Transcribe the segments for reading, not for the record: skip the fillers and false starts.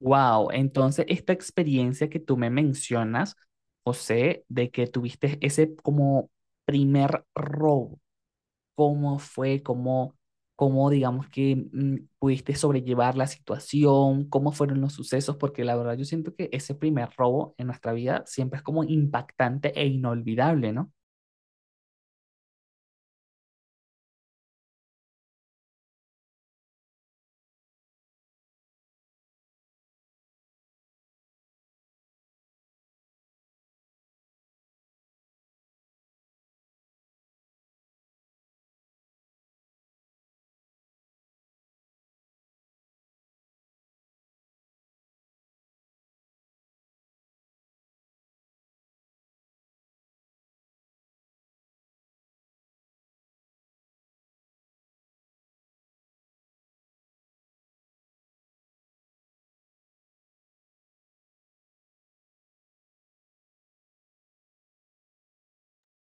Wow, entonces esta experiencia que tú me mencionas, José, de que tuviste ese como primer robo, ¿cómo fue? ¿Cómo digamos que pudiste sobrellevar la situación? ¿Cómo fueron los sucesos? Porque la verdad yo siento que ese primer robo en nuestra vida siempre es como impactante e inolvidable, ¿no?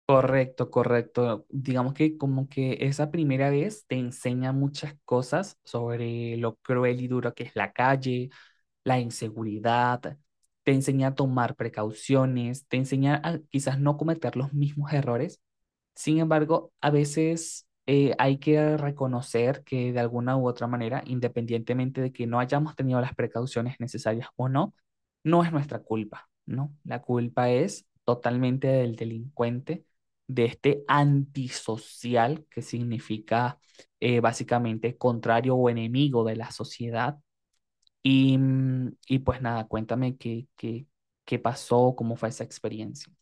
Correcto, correcto. Digamos que como que esa primera vez te enseña muchas cosas sobre lo cruel y duro que es la calle, la inseguridad, te enseña a tomar precauciones, te enseña a quizás no cometer los mismos errores. Sin embargo, a veces hay que reconocer que de alguna u otra manera, independientemente de que no hayamos tenido las precauciones necesarias o no, no es nuestra culpa, ¿no? La culpa es totalmente del delincuente, de este antisocial que significa básicamente contrario o enemigo de la sociedad y, y pues nada, cuéntame qué pasó, cómo fue esa experiencia.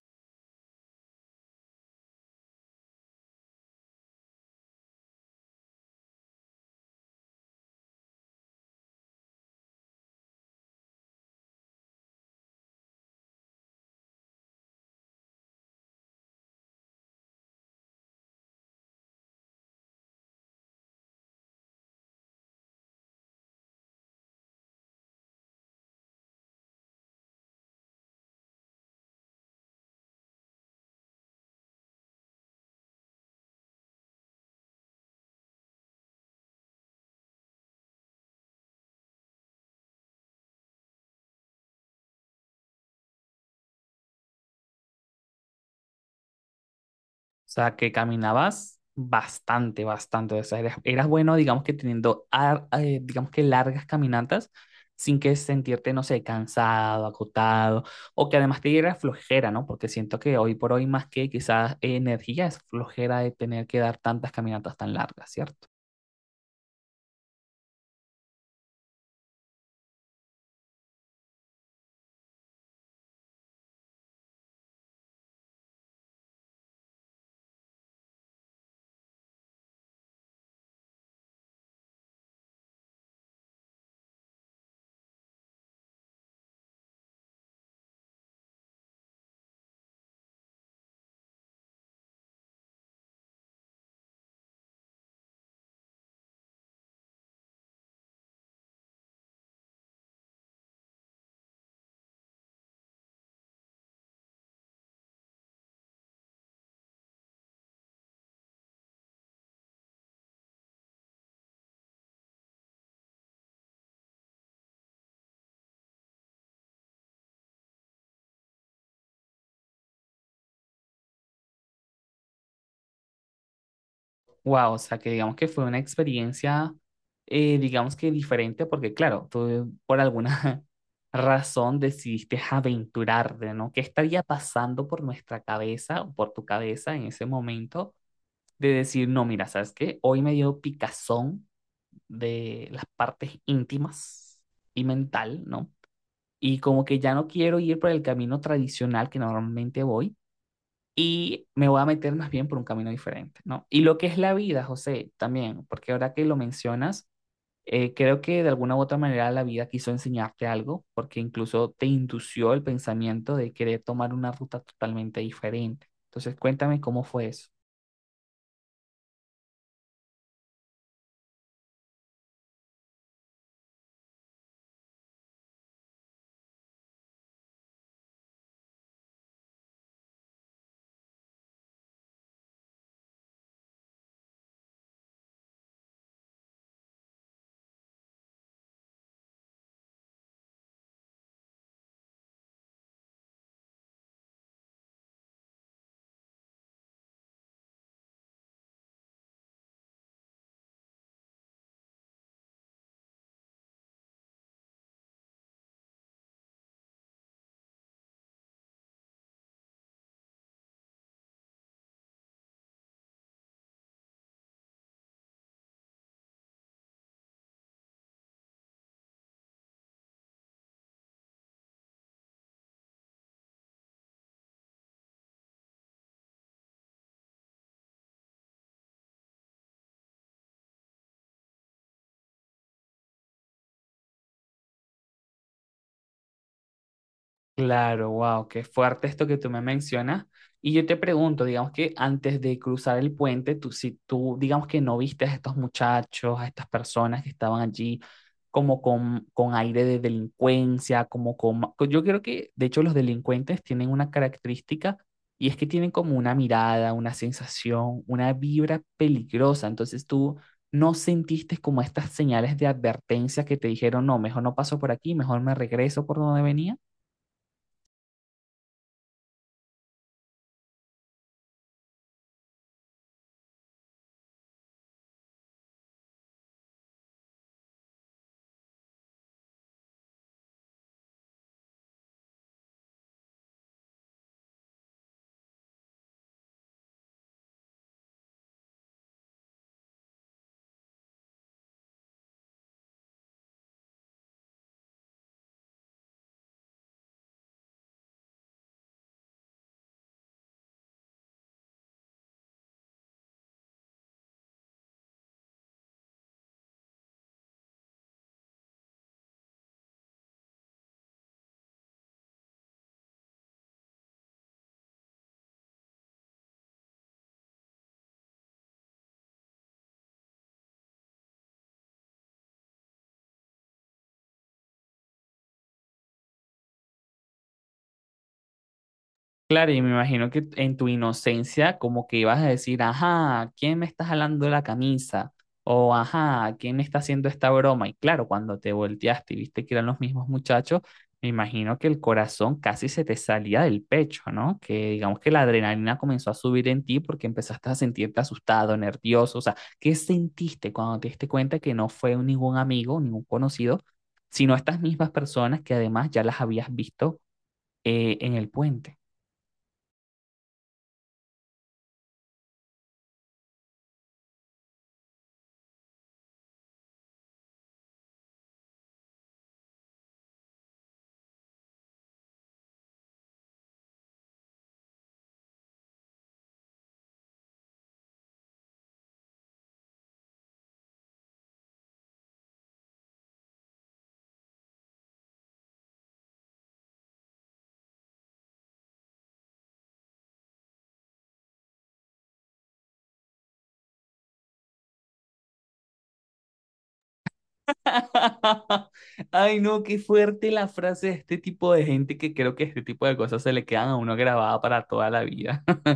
O sea, que caminabas bastante, bastante. O sea, eras bueno, digamos que teniendo, digamos que largas caminatas sin que sentirte, no sé, cansado, agotado, o que además te diera flojera, ¿no? Porque siento que hoy por hoy más que quizás energía es flojera de tener que dar tantas caminatas tan largas, ¿cierto? Wow, o sea, que digamos que fue una experiencia digamos que diferente, porque claro, tú por alguna, razón decidiste aventurarte, ¿no? ¿Qué estaría pasando por nuestra cabeza o por tu cabeza en ese momento de decir, no, mira, ¿sabes qué? Hoy me dio picazón de las partes íntimas y mental, ¿no? Y como que ya no quiero ir por el camino tradicional que normalmente voy y me voy a meter más bien por un camino diferente, ¿no? Y lo que es la vida, José, también, porque ahora que lo mencionas, creo que de alguna u otra manera la vida quiso enseñarte algo, porque incluso te indució el pensamiento de querer tomar una ruta totalmente diferente. Entonces, cuéntame cómo fue eso. Claro, wow, qué fuerte esto que tú me mencionas. Y yo te pregunto, digamos que antes de cruzar el puente, tú, si tú, digamos que no viste a estos muchachos, a estas personas que estaban allí, como con aire de delincuencia, como con... Yo creo que, de hecho, los delincuentes tienen una característica y es que tienen como una mirada, una sensación, una vibra peligrosa. Entonces tú no sentiste como estas señales de advertencia que te dijeron, no, mejor no paso por aquí, mejor me regreso por donde venía. Claro, y me imagino que en tu inocencia como que ibas a decir, ajá, ¿quién me está jalando la camisa? O ajá, ¿quién me está haciendo esta broma? Y claro, cuando te volteaste y viste que eran los mismos muchachos, me imagino que el corazón casi se te salía del pecho, ¿no? Que digamos que la adrenalina comenzó a subir en ti porque empezaste a sentirte asustado, nervioso. O sea, ¿qué sentiste cuando te diste cuenta que no fue ningún amigo, ningún conocido, sino estas mismas personas que además ya las habías visto, en el puente? Ay, no, qué fuerte la frase de este tipo de gente que creo que este tipo de cosas se le quedan a uno grabada para toda la vida.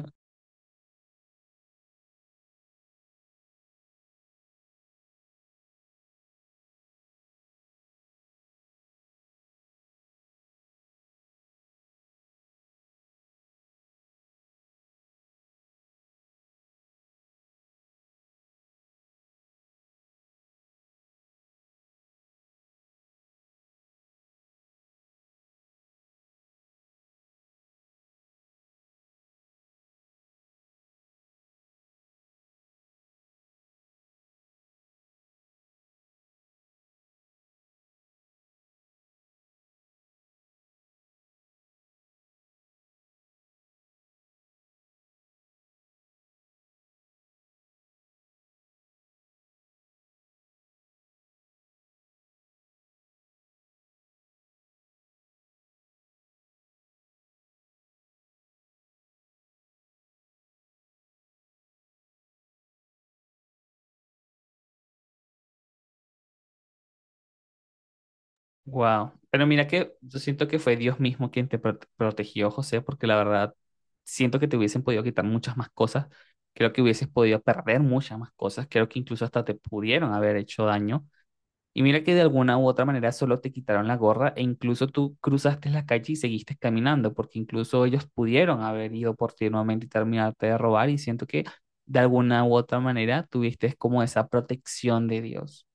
Wow. Pero mira que yo siento que fue Dios mismo quien te protegió, José, porque la verdad siento que te hubiesen podido quitar muchas más cosas. Creo que hubieses podido perder muchas más cosas. Creo que incluso hasta te pudieron haber hecho daño. Y mira que de alguna u otra manera solo te quitaron la gorra e incluso tú cruzaste la calle y seguiste caminando, porque incluso ellos pudieron haber ido por ti nuevamente y terminarte de robar y siento que de alguna u otra manera tuviste como esa protección de Dios.